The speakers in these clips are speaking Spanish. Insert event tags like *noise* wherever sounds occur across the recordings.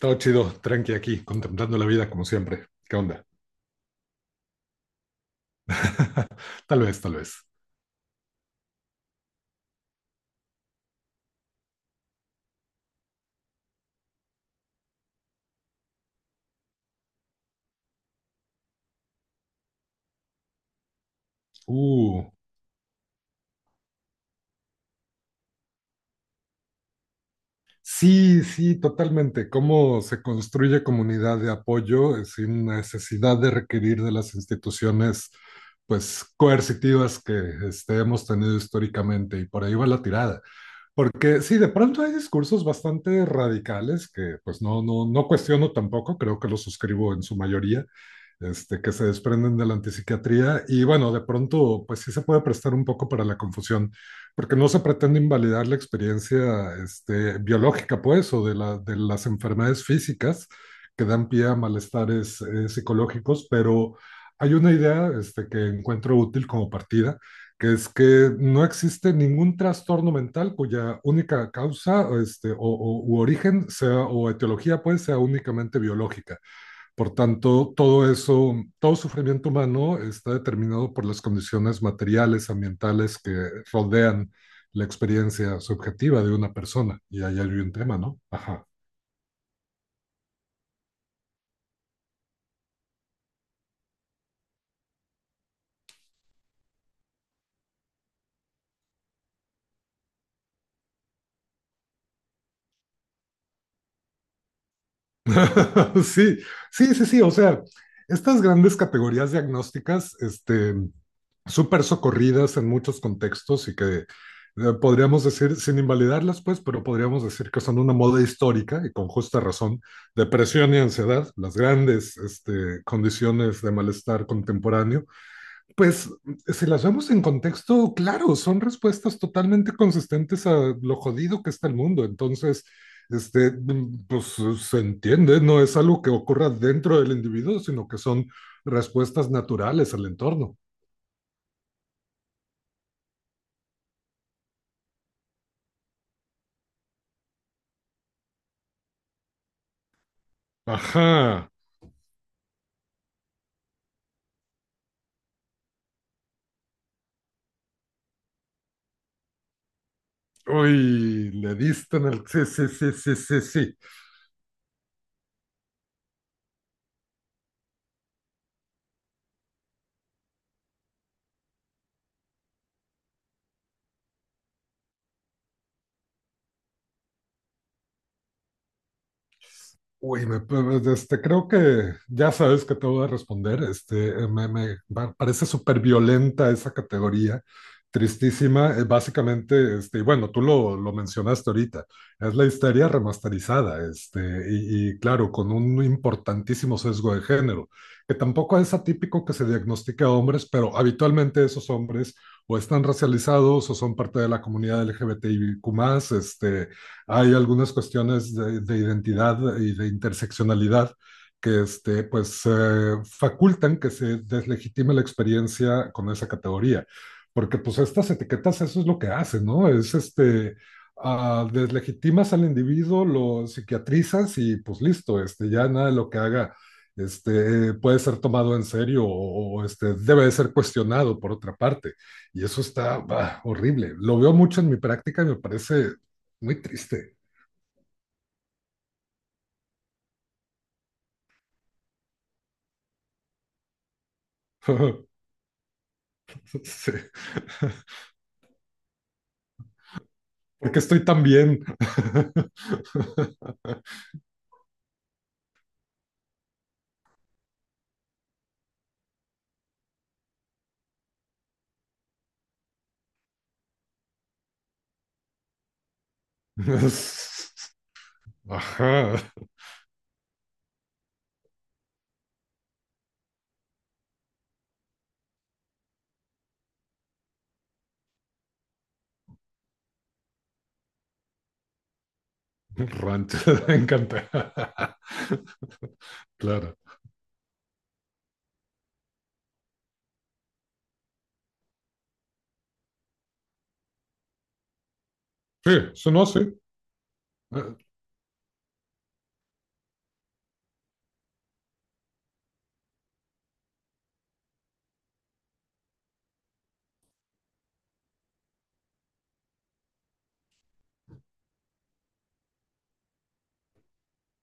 Todo chido, tranqui aquí, contemplando la vida como siempre. ¿Qué onda? *laughs* Tal vez, tal vez. Uh, sí, sí, totalmente. ¿Cómo se construye comunidad de apoyo sin necesidad de requerir de las instituciones, pues, coercitivas que hemos tenido históricamente? Y por ahí va la tirada. Porque sí, de pronto hay discursos bastante radicales que pues no, no cuestiono tampoco, creo que los suscribo en su mayoría, que se desprenden de la antipsiquiatría y bueno, de pronto pues sí se puede prestar un poco para la confusión, porque no se pretende invalidar la experiencia biológica pues o de las enfermedades físicas que dan pie a malestares psicológicos, pero hay una idea que encuentro útil como partida, que es que no existe ningún trastorno mental cuya única causa u origen sea, o etiología pues sea únicamente biológica. Por tanto, todo eso, todo sufrimiento humano está determinado por las condiciones materiales, ambientales que rodean la experiencia subjetiva de una persona. Y ahí hay un tema, ¿no? Ajá. *laughs* Sí, sí, sí, sí. O sea, estas grandes categorías diagnósticas, súper socorridas en muchos contextos y que podríamos decir, sin invalidarlas, pues, pero podríamos decir que son una moda histórica y con justa razón, depresión y ansiedad, las grandes condiciones de malestar contemporáneo, pues si las vemos en contexto, claro, son respuestas totalmente consistentes a lo jodido que está el mundo. Entonces, pues se entiende, no es algo que ocurra dentro del individuo, sino que son respuestas naturales al entorno. Ajá. Uy, le diste en el... Sí, sí, sí, sí, sí, sí. Uy, pues, creo que ya sabes que te voy a responder. Parece súper violenta esa categoría, tristísima. Básicamente, y bueno, lo mencionaste ahorita, es la histeria remasterizada, y claro, con un importantísimo sesgo de género, que tampoco es atípico que se diagnostique a hombres, pero habitualmente esos hombres o están racializados o son parte de la comunidad LGBTIQ+, este hay algunas cuestiones de identidad y de interseccionalidad que facultan que se deslegitime la experiencia con esa categoría. Porque pues estas etiquetas eso es lo que hacen, ¿no? Es deslegitimas al individuo, lo psiquiatrizas y pues listo, ya nada de lo que haga puede ser tomado en serio debe de ser cuestionado por otra parte. Y eso está bah, horrible. Lo veo mucho en mi práctica y me parece muy triste. *laughs* Sí. *laughs* ¿Por qué estoy tan bien? *laughs* Ajá, rancho, me encanta. *laughs* Claro. Sí, eso no, sí. Eh,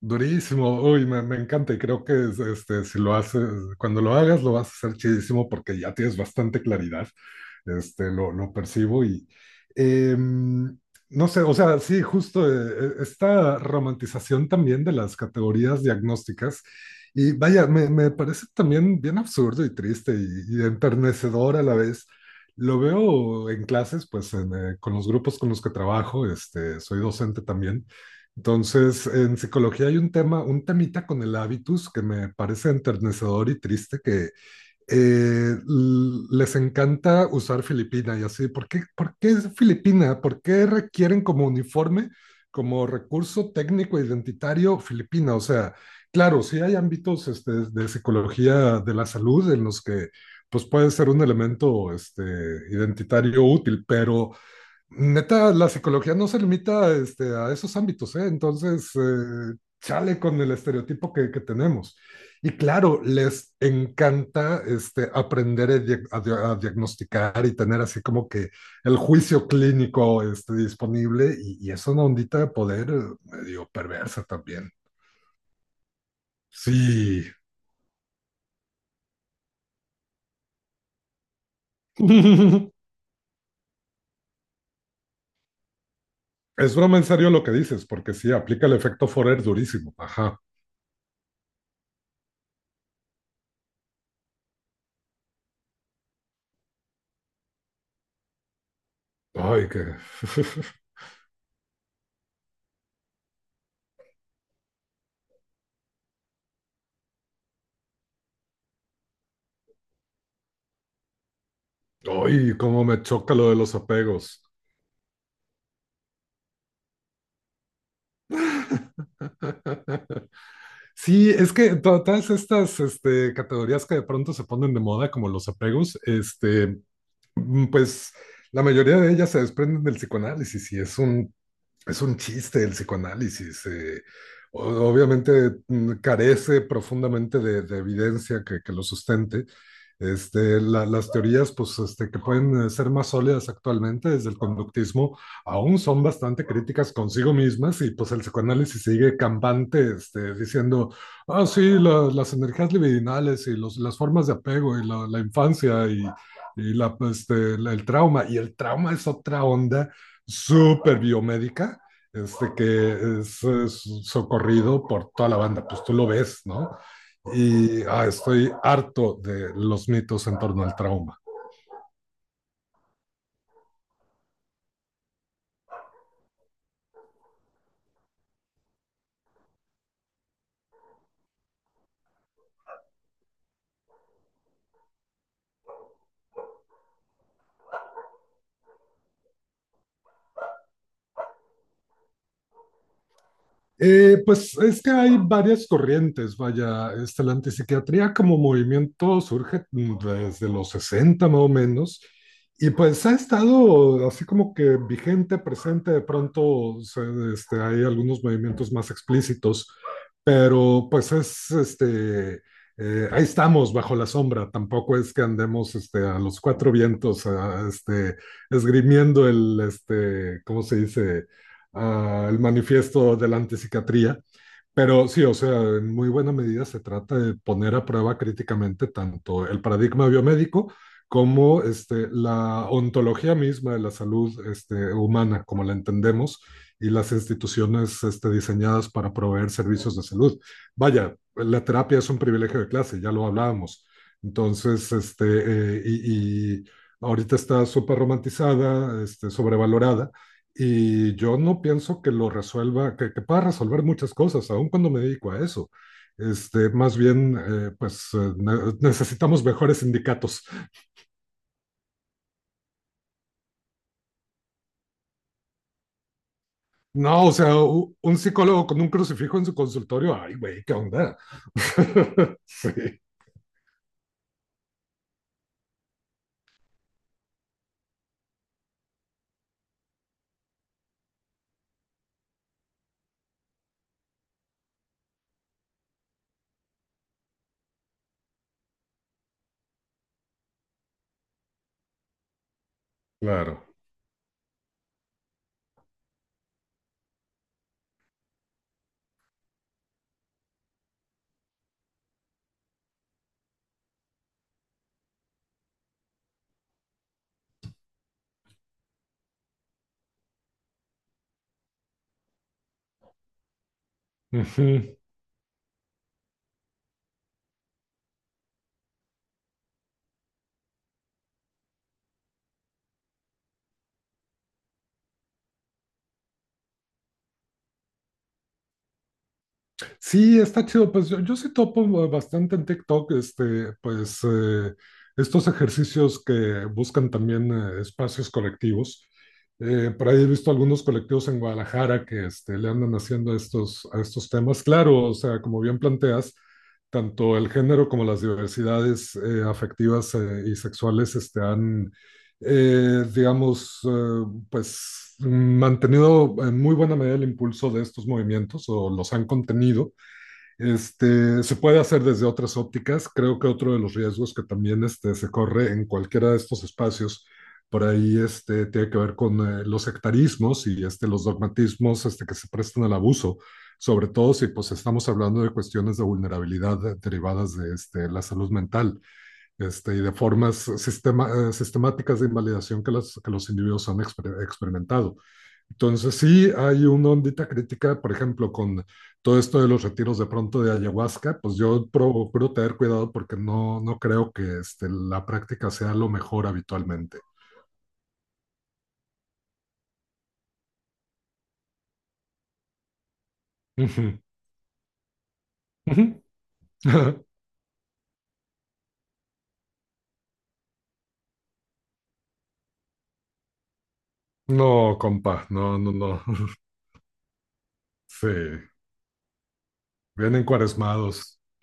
Durísimo, uy, me encanta y creo que es, si lo haces, cuando lo hagas lo vas a hacer chidísimo porque ya tienes bastante claridad, lo percibo y em, no sé, o sea, sí, justo esta romantización también de las categorías diagnósticas y vaya, me parece también bien absurdo y triste y enternecedor a la vez. Lo veo en clases, con los grupos con los que trabajo, soy docente también. Entonces, en psicología hay un tema, un temita con el hábitus que me parece enternecedor y triste, que les encanta usar Filipina y así. Por qué es Filipina? ¿Por qué requieren como uniforme, como recurso técnico e identitario Filipina? O sea, claro, sí hay ámbitos de psicología de la salud en los que pues puede ser un elemento identitario útil, pero neta, la psicología no se limita a esos ámbitos, ¿eh? Entonces, chale con el estereotipo que tenemos. Y claro, les encanta aprender a, a diagnosticar y tener así como que el juicio clínico disponible y es una ondita de poder medio perversa también. Sí. *laughs* Es broma en serio lo que dices, porque sí, aplica el efecto Forer durísimo. Ajá. Ay, qué... *laughs* Ay, cómo me choca lo de los apegos. *laughs* Sí, es que todas estas categorías que de pronto se ponen de moda, como los apegos, pues la mayoría de ellas se desprenden del psicoanálisis y es un... Es un chiste el psicoanálisis. Obviamente carece profundamente de evidencia que lo sustente. Las teorías pues, que pueden ser más sólidas actualmente desde el conductismo aún son bastante críticas consigo mismas y pues el psicoanálisis sigue campante diciendo, ah, sí, las energías libidinales y las formas de apego y la infancia y la, pues, este, la- el trauma. Y el trauma es otra onda súper biomédica, es socorrido por toda la banda, pues tú lo ves, ¿no? Y ah, estoy harto de los mitos en torno al trauma. Pues es que hay varias corrientes, vaya, la antipsiquiatría como movimiento surge desde los 60 más o menos, y pues ha estado así como que vigente, presente, de pronto se- este, hay algunos movimientos más explícitos, pero pues es, ahí estamos bajo la sombra, tampoco es que andemos a los cuatro vientos, esgrimiendo el, ¿cómo se dice? Al manifiesto de la antipsiquiatría. Pero sí, o sea, en muy buena medida se trata de poner a prueba críticamente tanto el paradigma biomédico como la ontología misma de la salud humana, como la entendemos, y las instituciones diseñadas para proveer servicios de salud. Vaya, la terapia es un privilegio de clase, ya lo hablábamos. Entonces, y ahorita está súper romantizada, sobrevalorada, y yo no pienso que lo resuelva, que pueda resolver muchas cosas, aun cuando me dedico a eso. Más bien, necesitamos mejores sindicatos. No, o sea, un psicólogo con un crucifijo en su consultorio, ay, güey, ¿qué onda? *laughs* Sí, claro. Ujú. Sí, está chido. Pues yo sí topo bastante en TikTok, estos ejercicios que buscan también espacios colectivos. Por ahí he visto algunos colectivos en Guadalajara que le andan haciendo a estos temas. Claro, o sea, como bien planteas, tanto el género como las diversidades afectivas y sexuales han, digamos, pues mantenido en muy buena medida el impulso de estos movimientos o los han contenido. Se puede hacer desde otras ópticas. Creo que otro de los riesgos que también se corre en cualquiera de estos espacios, por ahí tiene que ver con los sectarismos y los dogmatismos, que se prestan al abuso, sobre todo si pues, estamos hablando de cuestiones de vulnerabilidad derivadas de la salud mental, y de formas sistemáticas de invalidación que, que los individuos han experimentado. Entonces sí, hay una ondita crítica, por ejemplo, con todo esto de los retiros de pronto de ayahuasca, pues yo procuro tener cuidado porque no, no creo que la práctica sea lo mejor habitualmente. Ujú, ujú. *laughs* No, compa, no, no, no. *laughs* Sí, vienen cuaresmados. *laughs*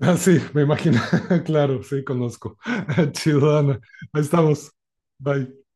Ah, sí, me imagino. *laughs* Claro, sí, conozco. *laughs* Chido, Ana. Ahí estamos. Bye.